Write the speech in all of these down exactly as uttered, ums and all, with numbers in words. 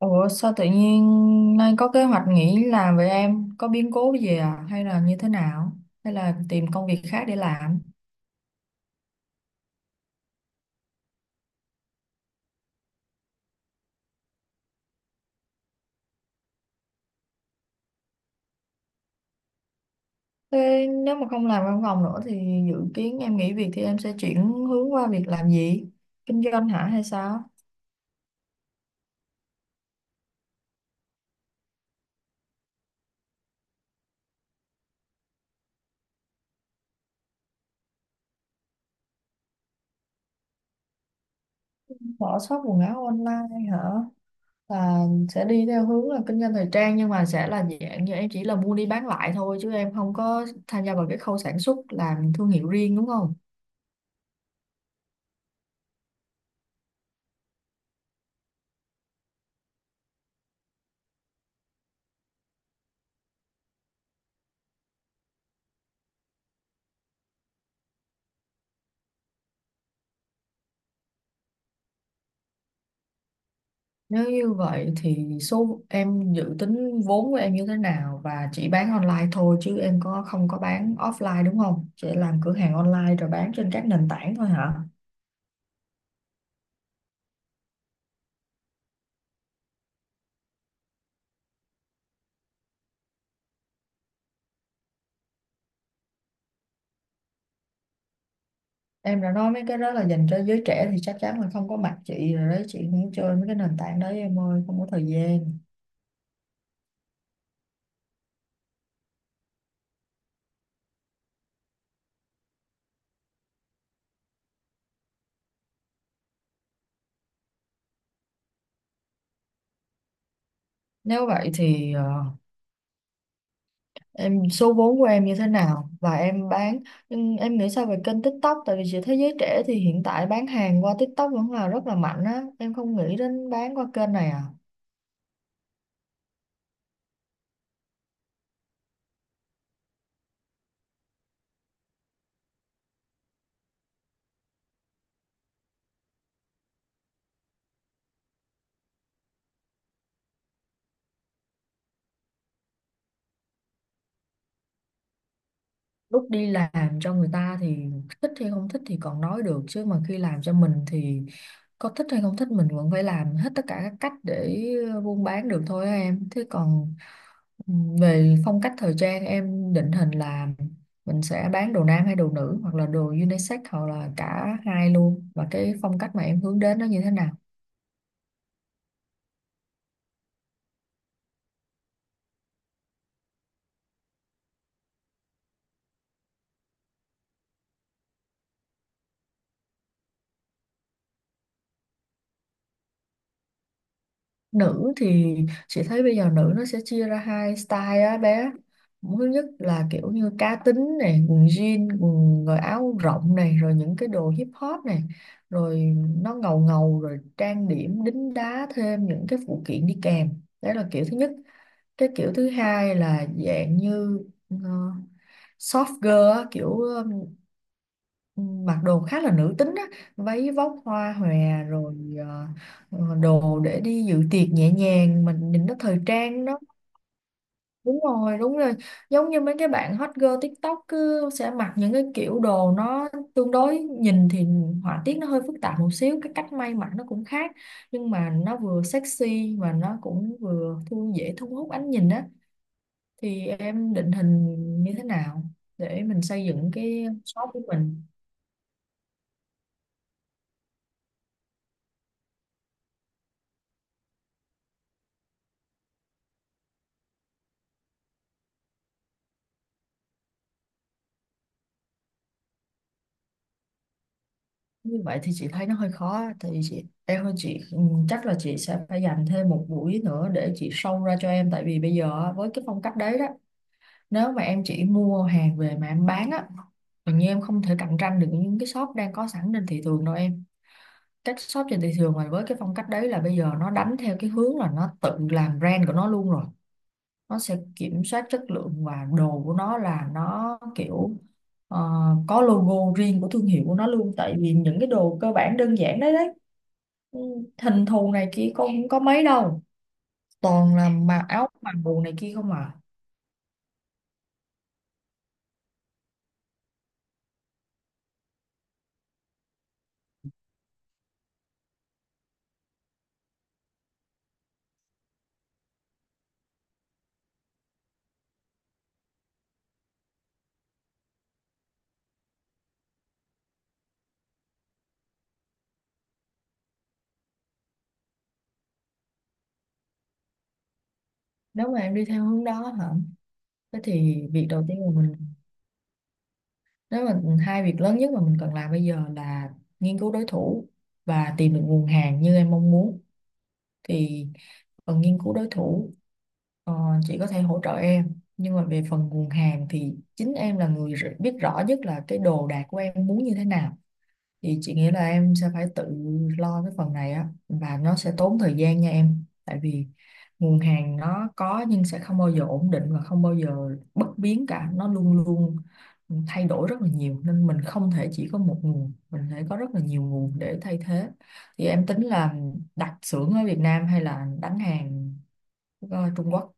Ủa sao tự nhiên nay có kế hoạch nghỉ làm vậy em? Có biến cố gì à? Hay là như thế nào? Hay là tìm công việc khác để làm? Thế nếu mà không làm văn phòng nữa thì dự kiến em nghỉ việc thì em sẽ chuyển hướng qua việc làm gì? Kinh doanh hả hay sao? Mở shop quần áo online hả? Là sẽ đi theo hướng là kinh doanh thời trang, nhưng mà sẽ là dạng như em chỉ là mua đi bán lại thôi chứ em không có tham gia vào cái khâu sản xuất làm thương hiệu riêng đúng không? Nếu như vậy thì số em dự tính vốn của em như thế nào, và chỉ bán online thôi chứ em có không có bán offline đúng không? Chỉ làm cửa hàng online rồi bán trên các nền tảng thôi hả? Em đã nói mấy cái đó là dành cho giới trẻ thì chắc chắn là không có mặt chị rồi đấy, chị không chơi mấy cái nền tảng đấy em ơi, không có thời gian. Nếu vậy thì ờ, em số vốn của em như thế nào và em bán, nhưng em nghĩ sao về kênh TikTok, tại vì chị thấy giới trẻ thì hiện tại bán hàng qua TikTok vẫn là rất là mạnh á, em không nghĩ đến bán qua kênh này à. Lúc đi làm cho người ta thì thích hay không thích thì còn nói được, chứ mà khi làm cho mình thì có thích hay không thích mình vẫn phải làm hết tất cả các cách để buôn bán được thôi á em. Thế còn ừm, về phong cách thời trang, em định hình là mình sẽ bán đồ nam hay đồ nữ, hoặc là đồ unisex hoặc là cả hai luôn, và cái phong cách mà em hướng đến nó như thế nào? Nữ thì chị thấy bây giờ nữ nó sẽ chia ra hai style á bé. Thứ nhất là kiểu như cá tính này, quần jean quần rồi áo rộng này, rồi những cái đồ hip hop này, rồi nó ngầu ngầu, rồi trang điểm đính đá thêm những cái phụ kiện đi kèm, đấy là kiểu thứ nhất. Cái kiểu thứ hai là dạng như ờ, soft girl á, kiểu mặc đồ khá là nữ tính á, váy vóc hoa hòe, rồi ờ, ờ, đồ để đi dự tiệc nhẹ nhàng mình nhìn nó thời trang đó. Đúng rồi, đúng rồi, giống như mấy cái bạn hot girl TikTok cứ sẽ mặc những cái kiểu đồ nó tương đối, nhìn thì họa tiết nó hơi phức tạp một xíu, cái cách may mặc nó cũng khác, nhưng mà nó vừa sexy mà nó cũng vừa thu dễ thu hút ánh nhìn á, thì em định hình như thế nào để mình xây dựng cái shop của mình? Như vậy thì chị thấy nó hơi khó. Thì chị em ơi, chị ừ, chắc là chị sẽ phải dành thêm một buổi nữa để chị sâu ra cho em, tại vì bây giờ á, với cái phong cách đấy đó, nếu mà em chỉ mua hàng về mà em bán á, tự nhiên em không thể cạnh tranh được những cái shop đang có sẵn trên thị trường đâu em. Các shop trên thị trường mà với cái phong cách đấy là bây giờ nó đánh theo cái hướng là nó tự làm brand của nó luôn rồi, nó sẽ kiểm soát chất lượng và đồ của nó là nó kiểu ờ, có logo riêng của thương hiệu của nó luôn, tại vì những cái đồ cơ bản đơn giản đấy đấy ừ, hình thù này kia con không có mấy đâu, toàn là mà áo mặc đồ này kia không à. Nếu mà em đi theo hướng đó hả, thế thì việc đầu tiên mà mình, nếu mà hai việc lớn nhất mà mình cần làm bây giờ là nghiên cứu đối thủ và tìm được nguồn hàng như em mong muốn, thì cần nghiên cứu đối thủ. Ờ, chị có thể hỗ trợ em, nhưng mà về phần nguồn hàng thì chính em là người r- biết rõ nhất là cái đồ đạc của em muốn như thế nào, thì chị nghĩ là em sẽ phải tự lo cái phần này á, và nó sẽ tốn thời gian nha em. Tại vì nguồn hàng nó có nhưng sẽ không bao giờ ổn định và không bao giờ bất biến cả, nó luôn luôn thay đổi rất là nhiều, nên mình không thể chỉ có một nguồn, mình phải có rất là nhiều nguồn để thay thế. Thì em tính là đặt xưởng ở Việt Nam hay là đánh hàng ờ, Trung Quốc?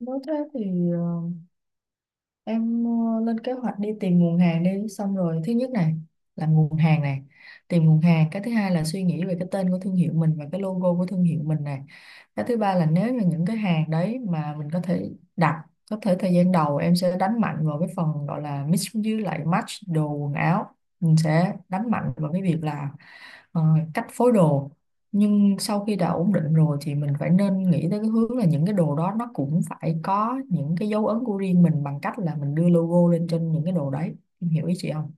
Nếu thế thì ờ, em ờ, lên kế hoạch đi tìm nguồn hàng đi, xong rồi thứ nhất này là nguồn hàng này, tìm nguồn hàng. Cái thứ hai là suy nghĩ về cái tên của thương hiệu mình và cái logo của thương hiệu mình này. Cái thứ ba là nếu mà những cái hàng đấy mà mình có thể đặt, có thể thời gian đầu em sẽ đánh mạnh vào cái phần gọi là mix với lại match đồ quần áo, mình sẽ đánh mạnh vào cái việc là ờ, cách phối đồ. Nhưng sau khi đã ổn định rồi thì mình phải nên nghĩ tới cái hướng là những cái đồ đó nó cũng phải có những cái dấu ấn của riêng mình, bằng cách là mình đưa logo lên trên những cái đồ đấy. Em hiểu ý chị không?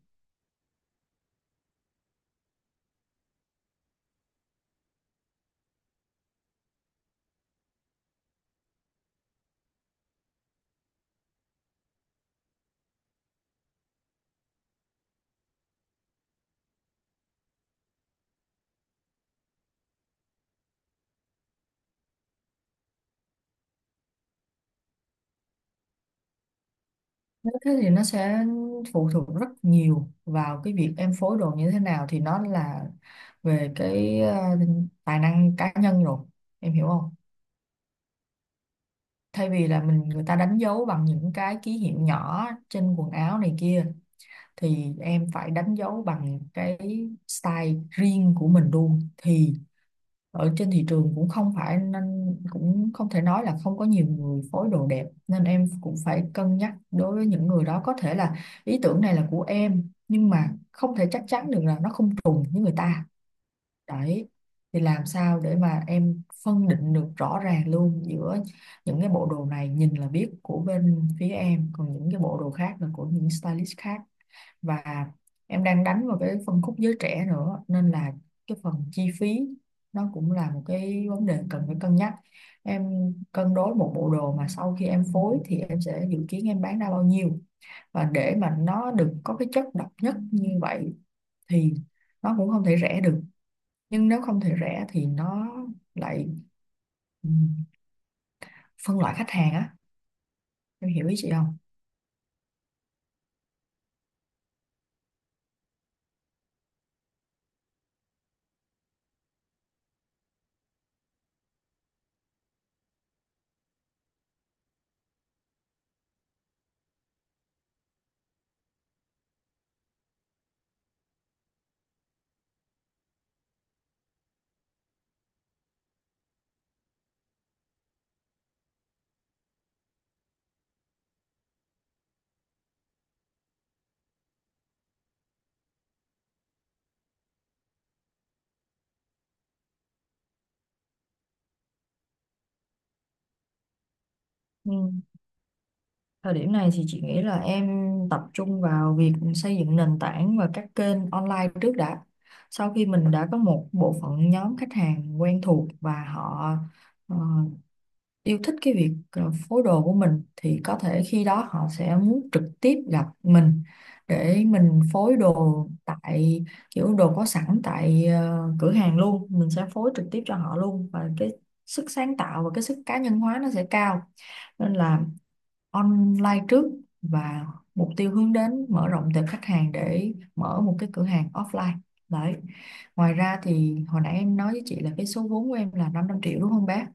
Nếu thế thì nó sẽ phụ thuộc rất nhiều vào cái việc em phối đồ như thế nào, thì nó là về cái ờ, tài năng cá nhân rồi. Em hiểu không? Thay vì là mình, người ta đánh dấu bằng những cái ký hiệu nhỏ trên quần áo này kia, thì em phải đánh dấu bằng cái style riêng của mình luôn. Thì ở trên thị trường cũng không phải, nên cũng không thể nói là không có nhiều người phối đồ đẹp, nên em cũng phải cân nhắc đối với những người đó, có thể là ý tưởng này là của em nhưng mà không thể chắc chắn được là nó không trùng với người ta, đấy. Thì làm sao để mà em phân định được rõ ràng luôn giữa những cái bộ đồ này nhìn là biết của bên phía em, còn những cái bộ đồ khác là của những stylist khác. Và em đang đánh vào cái phân khúc giới trẻ nữa, nên là cái phần chi phí nó cũng là một cái vấn đề cần phải cân nhắc. Em cân đối một bộ đồ mà sau khi em phối thì em sẽ dự kiến em bán ra bao nhiêu, và để mà nó được có cái chất độc nhất như vậy thì nó cũng không thể rẻ được, nhưng nếu không thể rẻ thì nó lại ừ, phân loại khách hàng á. Em hiểu ý chị không? Ừ. Thời điểm này thì chị nghĩ là em tập trung vào việc xây dựng nền tảng và các kênh online trước đã. Sau khi mình đã có một bộ phận nhóm khách hàng quen thuộc và họ ờ, yêu thích cái việc ờ, phối đồ của mình, thì có thể khi đó họ sẽ muốn trực tiếp gặp mình để mình phối đồ tại kiểu đồ có sẵn tại ờ, cửa hàng luôn, mình sẽ phối trực tiếp cho họ luôn, và cái sức sáng tạo và cái sức cá nhân hóa nó sẽ cao. Nên là online trước, và mục tiêu hướng đến mở rộng tệp khách hàng để mở một cái cửa hàng offline, đấy. Ngoài ra thì hồi nãy em nói với chị là cái số vốn của em là năm trăm triệu đúng không bác?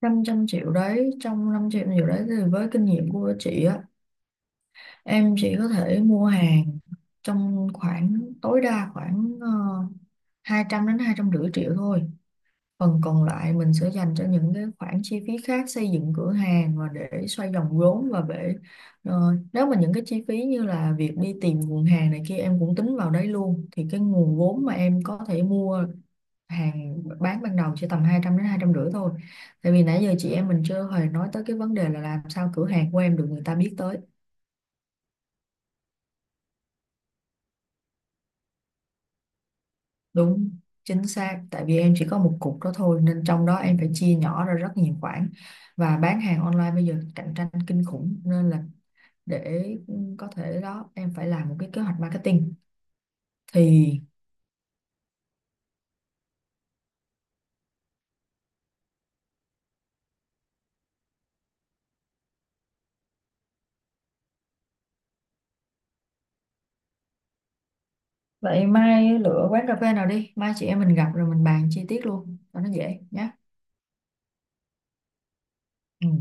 Năm trăm triệu đấy, trong năm trăm triệu đấy thì với kinh nghiệm của chị á, em chỉ có thể mua hàng trong khoảng tối đa khoảng uh, hai trăm đến hai trăm rưỡi triệu thôi. Phần còn lại mình sẽ dành cho những cái khoản chi phí khác, xây dựng cửa hàng và để xoay vòng vốn, và để ờ, nếu mà những cái chi phí như là việc đi tìm nguồn hàng này kia em cũng tính vào đấy luôn, thì cái nguồn vốn mà em có thể mua hàng bán ban đầu chỉ tầm hai trăm đến hai trăm rưỡi thôi. Tại vì nãy giờ chị em mình chưa hề nói tới cái vấn đề là làm sao cửa hàng của em được người ta biết tới. Đúng, chính xác. Tại vì em chỉ có một cục đó thôi, nên trong đó em phải chia nhỏ ra rất nhiều khoản, và bán hàng online bây giờ cạnh tranh kinh khủng, nên là để có thể đó em phải làm một cái kế hoạch marketing thì. Vậy mai lựa quán cà phê nào đi, mai chị em mình gặp rồi mình bàn chi tiết luôn cho nó dễ nhé. Ừ.